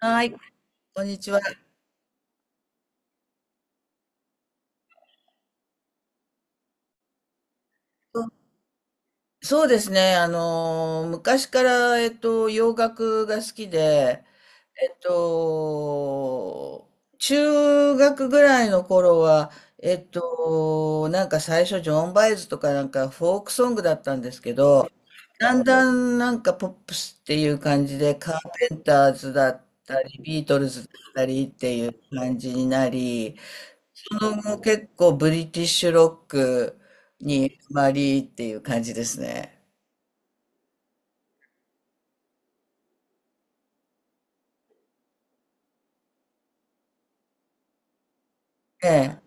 はい、こんにちは。そうそうですね、昔から、洋楽が好きで、えっと、中学ぐらいの頃は、なんか最初、ジョン・バイズとかなんかフォークソングだったんですけど、だんだんなんかポップスっていう感じで、カーペンターズだったり、ビートルズだったりっていう感じになり、その後結構ブリティッシュロックにハマりっていう感じですね。ええ。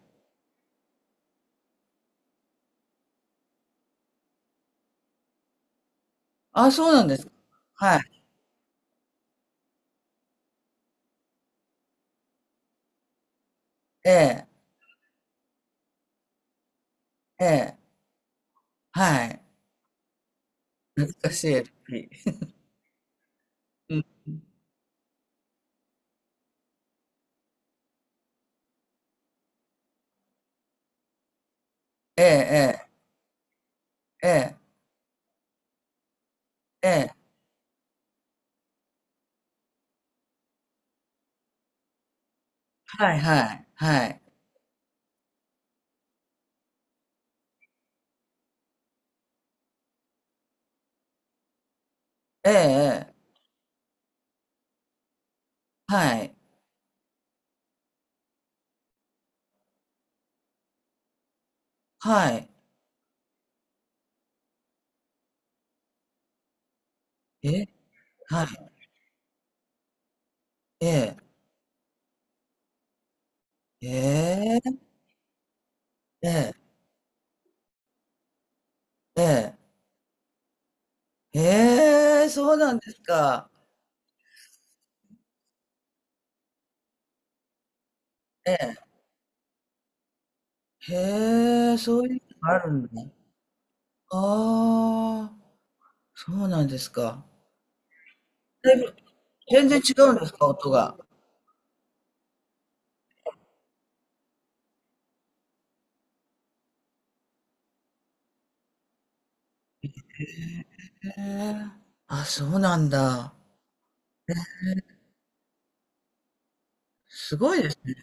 あ、そうなんですか。はい。ええ。ええ。はい。懐かしい。エルピー。うん。ええ、ええ、ええ、ええ。はい、はい、はい。ええ、ええ。はい、はい。え、はい。ええ、ええ、ええ、ええ。ええ、そうなんですか。ええ。へえ、そういうのがあるんだ。ああ。そうなんですか。だいぶ全然違うんですか、音が。へえ。あ、そうなんだ。すごいですね、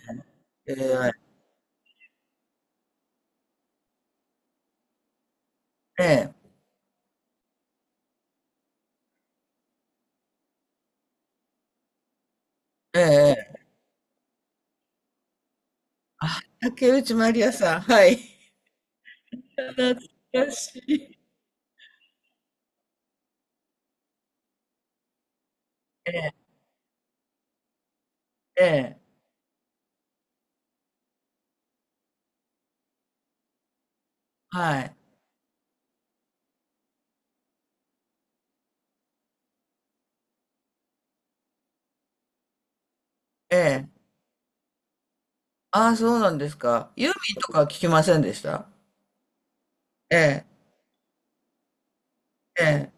エーアイ。ええええ。ええ。あ、竹内まりやさん、はい。懐かしい。ええ、ええ、はい。ええ。あ、そうなんですか。ユーミンとかは聞きませんでした？ええ、ええ、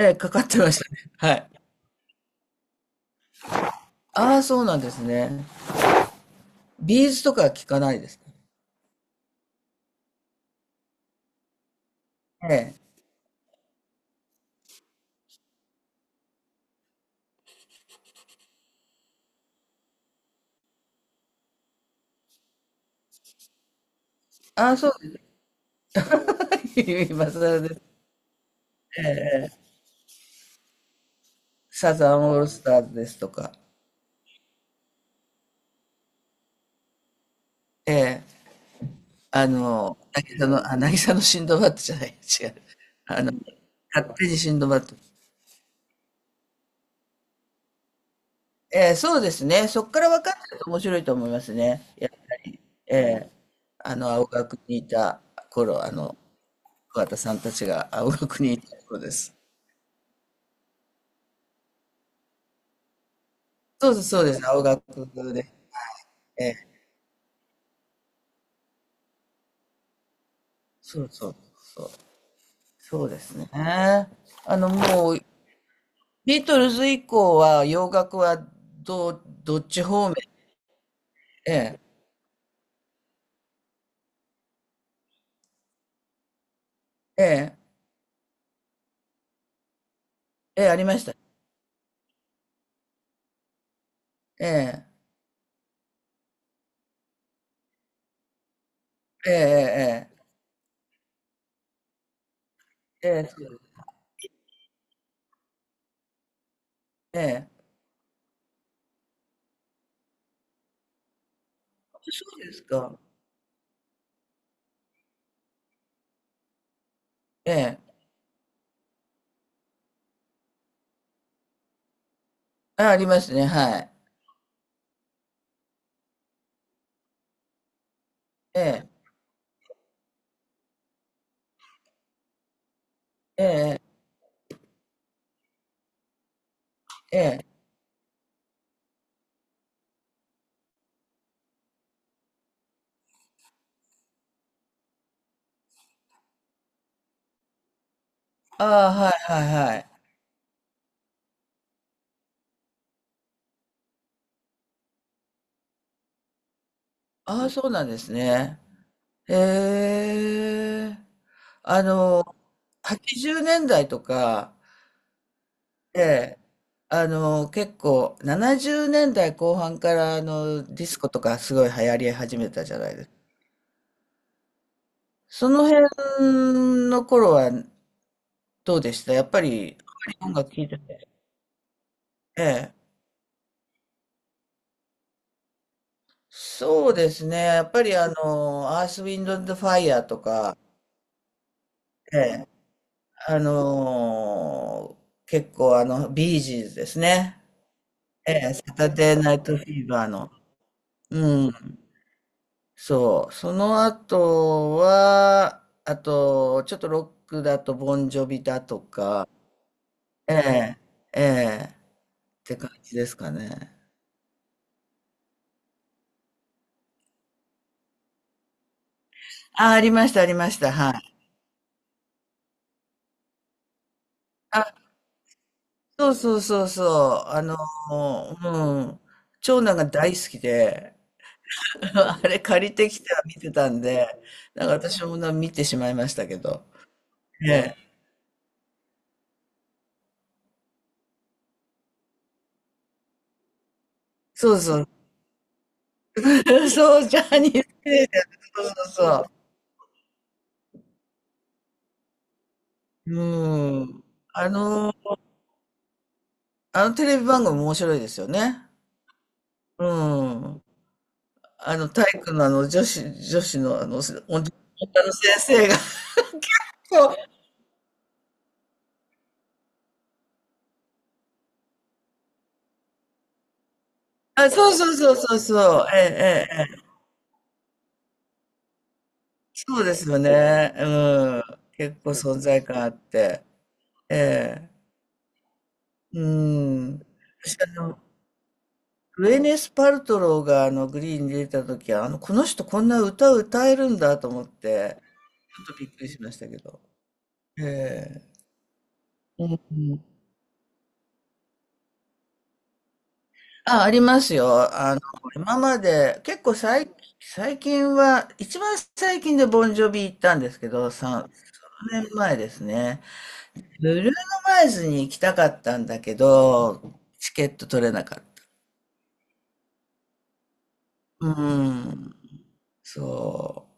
ええ、かかってましたね。はい。ああ、そうなんですね。ビーズとかは聞かないですか。ええ。ああ、そう。今更です。サザンオールスターズですとか、ええ、あの、渚の、あ、渚のシンドバッドじゃない、違う。あの、勝手にシンドバッド。ええ、そうですね。そこから分かってると面白いと思いますね。やっぱり。ええ、あの、青学にいた頃、あの、桑田さんたちが青学にいた頃です。そうです、そうです。青学で。ええ、そうそうそう。そうですね。あの、もう、ビートルズ以降は洋楽はどっち方面？ええ、ええ、ええ、ありました。ええ、ええええええ、ええ、そうです。ええ、そうですか。ええ、あ、ありますね、はい。ええ、ええ、ええ、ああ、はいはいはい。ああ、そうなんですね。へえ、あの、80年代とか、ええ、あの、結構、70年代後半からあのディスコとかすごい流行り始めたじゃないですか。その辺の頃はどうでしたやっぱり、あまり音楽聴いてて。ええ。そうですね。やっぱりあの、アース・ウィンド・アンド・ファイヤーとか、ええ、あのー結構あの、ビージーズですね。ええ、サタデー・ナイト・フィーバーの。うん。そう。その後は、あと、ちょっとロックだと、ボンジョビだとか、ええ、ええ、って感じですかね。あ、ありました、ありました。はい。そうそうそうそう。あの、うん。長男が大好きで、あれ借りてきては見てたんで、なんか私もな見てしまいましたけど。ええ。そうそう。そう、ジャニーズテレビだ。そうそうそう。うん。あの、あのテレビ番組面白いですよね。うん。あの、体育のあの女子、女子のあの、女の先生が。そう、あ、そうそうそうそうそう。ええ、ええ。そうですよね。うん。結構存在感あって。ええ。うん。私、あの、グエネス・パルトローがあのグリーンに出た時は、あの、この人こんな歌を歌えるんだと思って、ちょっとびっくりしましたけど。ええ。うんうん。あ、ありますよ。あの、今まで、結構最近は、一番最近でボンジョビ行ったんですけど、3、3年前ですね。ブルーノ・マーズに行きたかったんだけど、チケット取れなかった。うーん。そ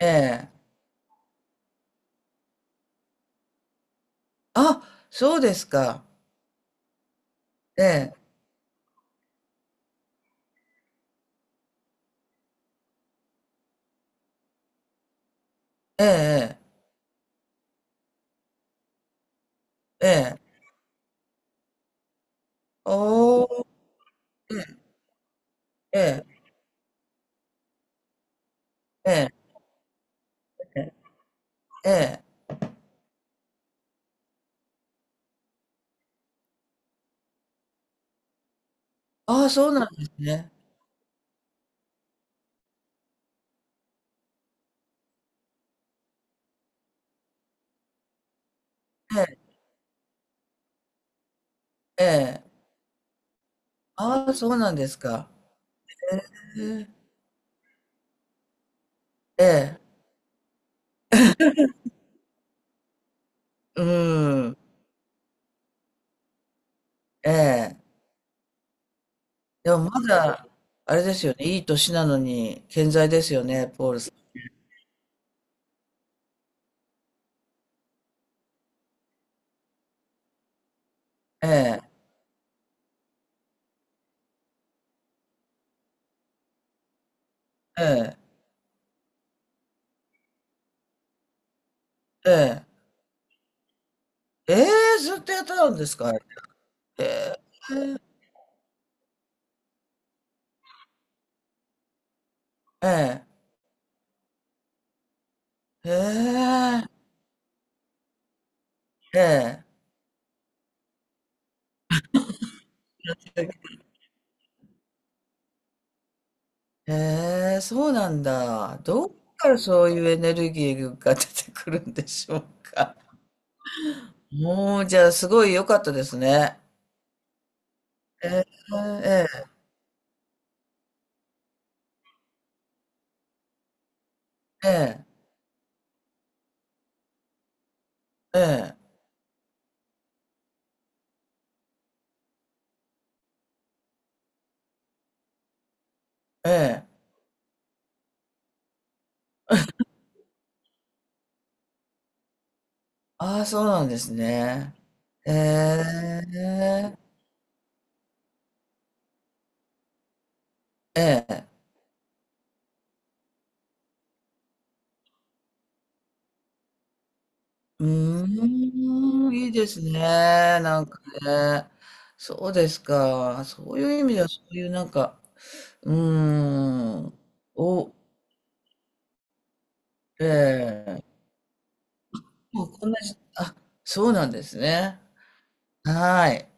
う。ええ。あ、そうですか。ええ、ええ、ええ、ええ。おー、ええ、ええ、ええ、ええ。ああ、そうなんですね。ええ、ええ。ああ、そうなんですか。ええ、ええ、うん、ええ。でもまだ、あれですよね、いい年なのに健在ですよね、ポールさん。ええ、ええ。ええ。ええ、ずっとやってたんですか？ええ。ええ。ええ。ええ。ええ、え、そうなんだ。どっからそういうエネルギーが出てくるんでしょうか？もう、じゃあ、すごい良かったですね。ええ、ええ、ええ、ええ、ええ。ああ、そうなんですね。ええ。ええ。うーん、いいですね。なんかね。そうですか。そういう意味では、そういうなんか、うーん、お、ええ。もうこんなじ、あ、そうなんですね。はい。